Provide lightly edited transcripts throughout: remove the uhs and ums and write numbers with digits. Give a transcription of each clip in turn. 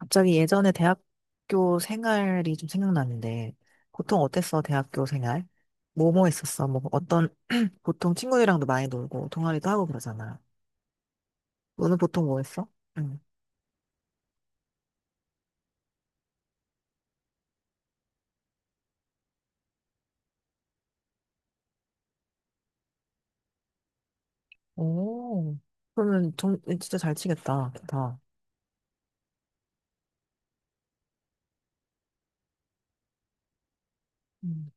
갑자기 예전에 대학교 생활이 좀 생각나는데, 보통 어땠어, 대학교 생활? 뭐 했었어? 뭐 어떤, 보통 친구들이랑도 많이 놀고, 동아리도 하고 그러잖아. 너는 보통 뭐 했어? 응. 오, 그러면 진짜 잘 치겠다, 기타. 음.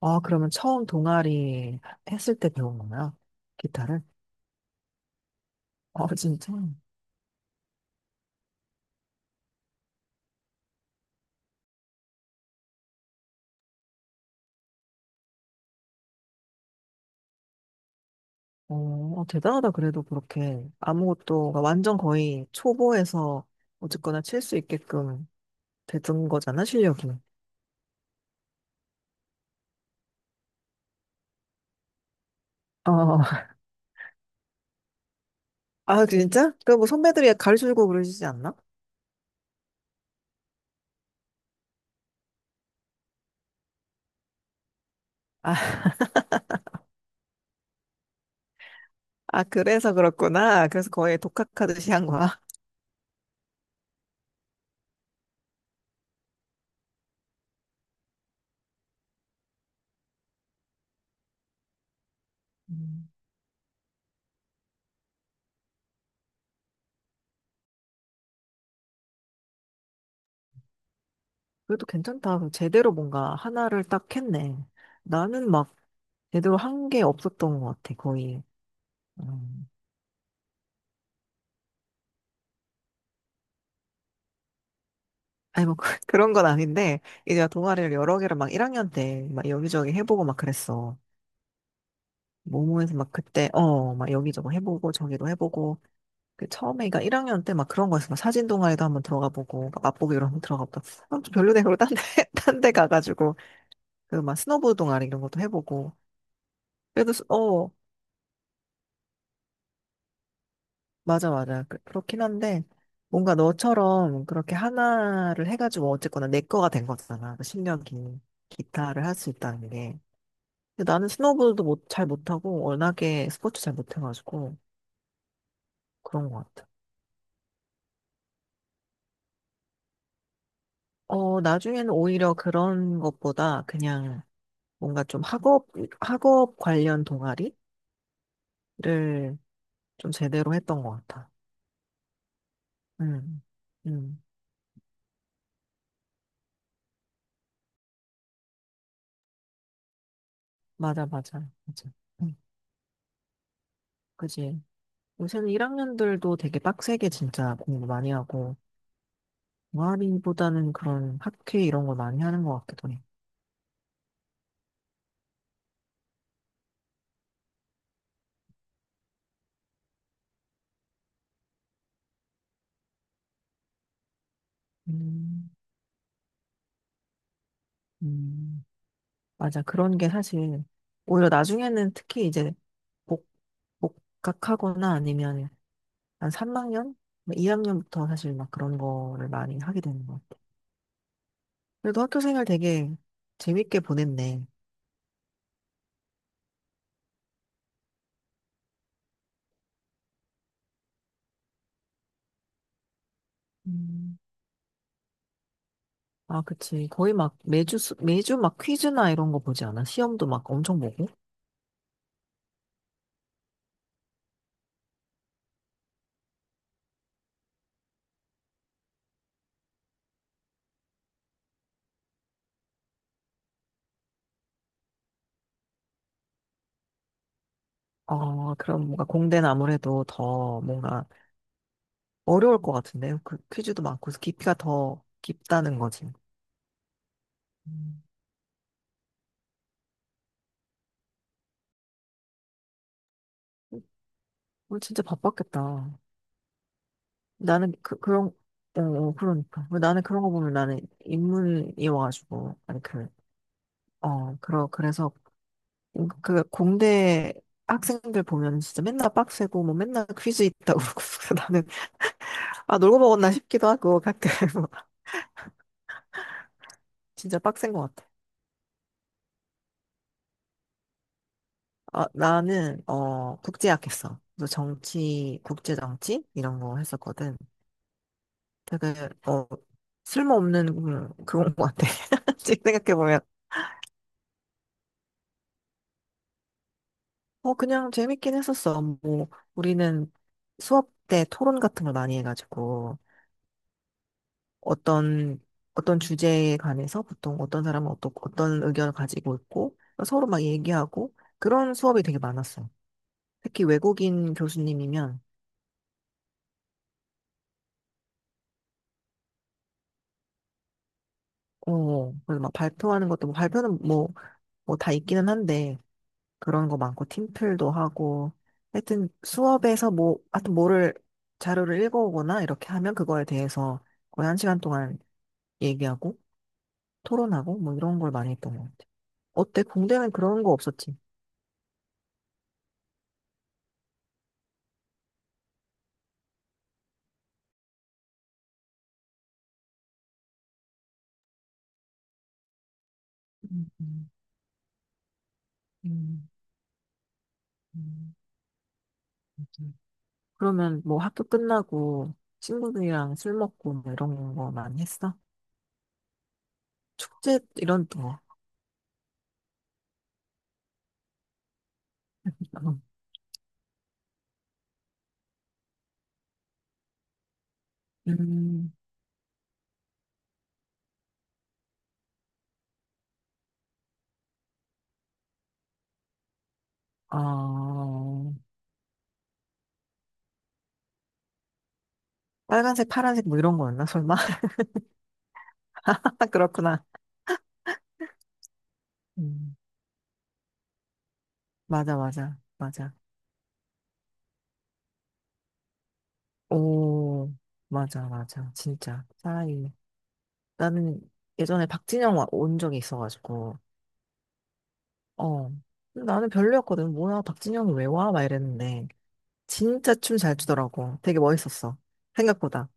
아, 그러면 처음 동아리 했을 때 배운 거야? 기타를? 아, 진짜? 어, 아, 대단하다. 그래도 그렇게 아무것도, 완전 거의 초보에서 어쨌거나 칠 수 있게끔 되던 거잖아, 실력이. 어, 아, 진짜? 그럼 뭐 선배들이 가르쳐주고 그러시지 않나? 아, 아, 그래서 그렇구나. 그래서 거의 독학하듯이 한 거야. 음, 그래도 괜찮다. 제대로 뭔가 하나를 딱 했네. 나는 막 제대로 한 게 없었던 것 같아, 거의. 음. 아니, 뭐, 그런 건 아닌데, 이제 동아리를 여러 개를 막 1학년 때 막 여기저기 해보고 막 그랬어. 모모에서 막 그때, 막 여기저기 해보고 저기도 해보고 그 처음에 그러니까 1학년 때 막 그런 거였어. 막 사진 동아리도 한번 들어가 보고 막 맛보기 이런 거 들어가 보다. 아, 좀 별로네. 그러고 딴 데, 딴 데 가가지고 그 막 스노보드 동아리 이런 것도 해보고. 그래도 맞아, 맞아, 그렇긴 한데 뭔가 너처럼 그렇게 하나를 해가지고 어쨌거나 내 거가 된 거잖아. 그1이년긴 기타를 할 수 있다는 게. 근데 나는 스노보드도 못, 잘 못하고 워낙에 스포츠 잘 못해가지고 그런 것 같아. 어, 나중에는 오히려 그런 것보다 그냥 뭔가 좀 학업 관련 동아리를 좀 제대로 했던 것 같아. 음, 음, 맞아, 맞아, 맞아. 음, 그지. 요새는 1학년들도 되게 빡세게 진짜 공부 많이 하고, 동아리보다는 그런 학회 이런 걸 많이 하는 것 같기도 해. 음, 음, 맞아. 그런 게 사실, 오히려 나중에는 특히 이제 복, 복학하거나 아니면 한 3학년? 2학년부터 사실 막 그런 거를 많이 하게 되는 거 그래도 학교 생활 되게 재밌게 보냈네. 음, 아, 그치. 거의 막 매주, 매주 막 퀴즈나 이런 거 보지 않아? 시험도 막 엄청 보고. 어, 그럼 뭔가 공대는 아무래도 더 뭔가 어려울 것 같은데요. 그 퀴즈도 많고 깊이가 더 깊다는 거지. 음. 우리 진짜 바빴겠다. 나는 그런, 그러니까. 나는 그런 거 보면 나는 인문이어가지고, 아니, 그래서 그 공대 학생들 보면 진짜 맨날 빡세고 뭐 맨날 퀴즈 있다고 그러고 래서 나는 아 놀고 먹었나 싶기도 하고 가끔 진짜 빡센 것 같아. 아, 나는 국제학 했어. 그래서 정치 국제 정치 이런 거 했었거든. 되게 쓸모없는 그런 것 같아. 지금 생각해 보면 그냥 재밌긴 했었어. 뭐 우리는 수업 때 토론 같은 걸 많이 해가지고 어떤 어떤 주제에 관해서 보통 어떤 사람은 어떤 의견을 가지고 있고 서로 막 얘기하고 그런 수업이 되게 많았어요. 특히 외국인 교수님이면 그래서 막 발표하는 것도 뭐 발표는 뭐 다 있기는 한데 그런 거 많고 팀플도 하고 하여튼 수업에서 뭐 하여튼 뭐를 자료를 읽어오거나 이렇게 하면 그거에 대해서 거의 한 시간 동안 얘기하고 토론하고 뭐 이런 걸 많이 했던 것 같아요. 어때? 공대는 그런 거 없었지? 음, 음. 음. 음, 음. 그러면 뭐 학교 끝나고 친구들이랑 술 먹고 뭐 이런 거 많이 했어? 축제 이런 거. 음, 어, 빨간색, 파란색 뭐 이런 거였나? 설마? 그렇구나. 음, 맞아, 맞아, 맞아. 오, 맞아, 맞아. 진짜. 차라리. 나는 예전에 박진영 온 적이 있어가지고, 어. 근데 나는 별로였거든. 뭐야, 박진영이 왜 와? 막 이랬는데. 진짜 춤 잘 추더라고. 되게 멋있었어. 생각보다.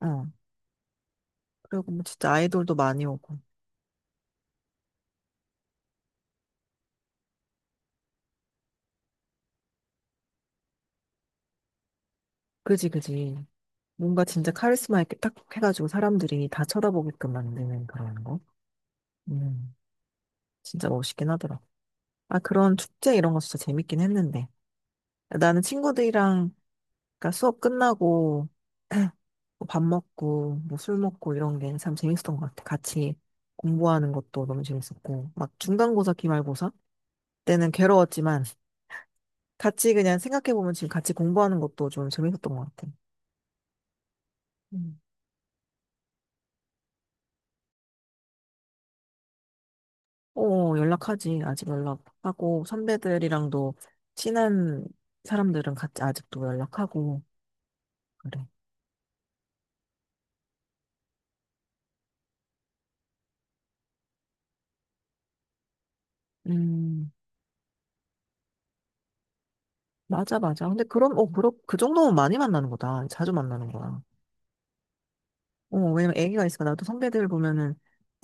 어. 그리고 뭐 진짜 아이돌도 많이 오고. 그지, 그지. 뭔가 진짜 카리스마 있게 딱 해가지고 사람들이 다 쳐다보게끔 만드는 그런 거. 음, 진짜 멋있긴 하더라. 아, 그런 축제 이런 거 진짜 재밌긴 했는데. 나는 친구들이랑, 그러니까 수업 끝나고, 뭐밥 먹고, 뭐 술 먹고 이런 게 참 재밌었던 것 같아. 같이 공부하는 것도 너무 재밌었고. 막 중간고사, 기말고사 때는 괴로웠지만, 같이 그냥 생각해보면 지금 같이 공부하는 것도 좀 재밌었던 것 같아. 음. 어, 연락하지. 아직 연락하고, 선배들이랑도 친한 사람들은 같이 아직도 연락하고, 그래. 음, 맞아, 맞아. 근데 그럼, 그 정도면 많이 만나는 거다. 자주 만나는 거야. 어, 왜냐면 애기가 있으니까 나도 선배들 보면은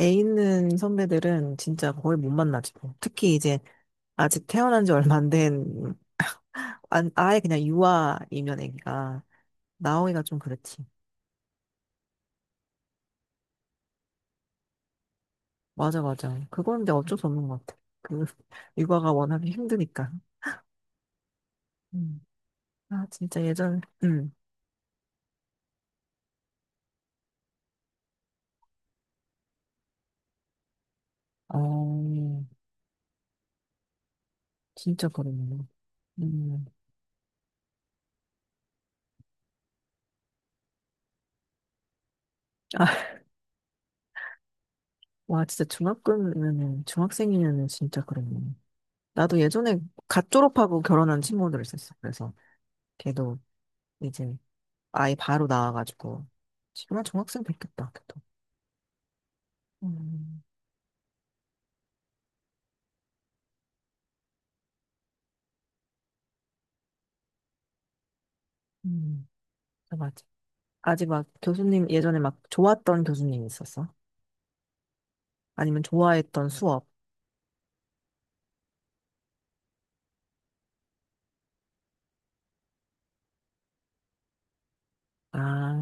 애 있는 선배들은 진짜 거의 못 만나지. 뭐. 특히 이제 아직 태어난 지 얼마 안 된, 아예 그냥 유아이면 애기가 나오기가 좀 그렇지. 맞아, 맞아. 그건 이제 어쩔 수 없는 것 같아. 육아가 워낙에 힘드니까. 음. 아, 진짜 예전, 어, 진짜 그러네. 음. 아, 와, 진짜 중학교면은, 중학생이면은 진짜 그러네. 나도 예전에 갓 졸업하고 결혼한 친구들 있었어. 그래서 걔도 이제 아이 바로 나와가지고. 지금은 중학생 됐겠다, 걔도. 음, 음, 아, 맞아. 아직 막 교수님, 예전에 막 좋았던 교수님 있었어? 아니면 좋아했던 수업? 아,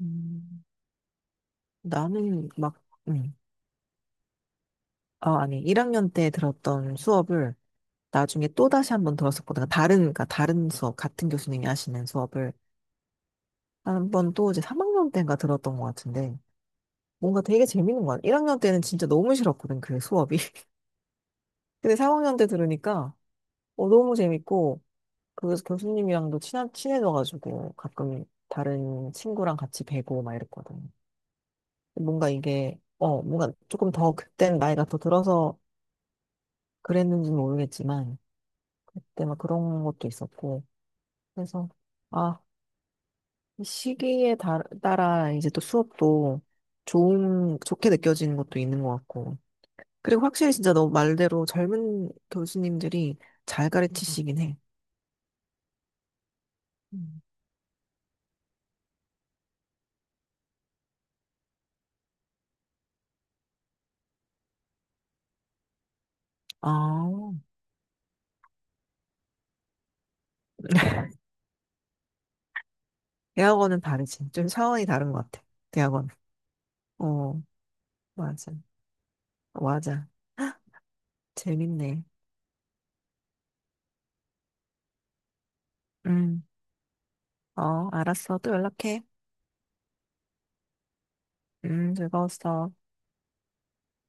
음, 나는 막, 응. 어, 아니, 1학년 때 들었던 수업을 나중에 또 다시 한번 들었었거든요. 다른, 그러니까 다른 수업, 같은 교수님이 하시는 수업을 한번 또 이제 3학년 때인가 들었던 것 같은데 뭔가 되게 재밌는 것 같아요. 1학년 때는 진짜 너무 싫었거든, 그 수업이. 근데 3학년 때 들으니까 너무 재밌고 그 교수님이랑도 친해져가지고 가끔 다른 친구랑 같이 뵈고 막 이랬거든요. 뭔가 이게, 뭔가 조금 더 그땐 나이가 더 들어서 그랬는지는 모르겠지만 그때 막 그런 것도 있었고 그래서, 아, 이 시기에 따라 이제 또 수업도 좋게 느껴지는 것도 있는 것 같고. 그리고 확실히 진짜 너 말대로 젊은 교수님들이 잘 가르치시긴 해. 음. 아, 대학원은 다르지. 좀 차원이 다른 것 같아. 대학원. 어, 맞아. 맞아. 재밌네. 음, 어, 알았어. 또 연락해. 즐거웠어.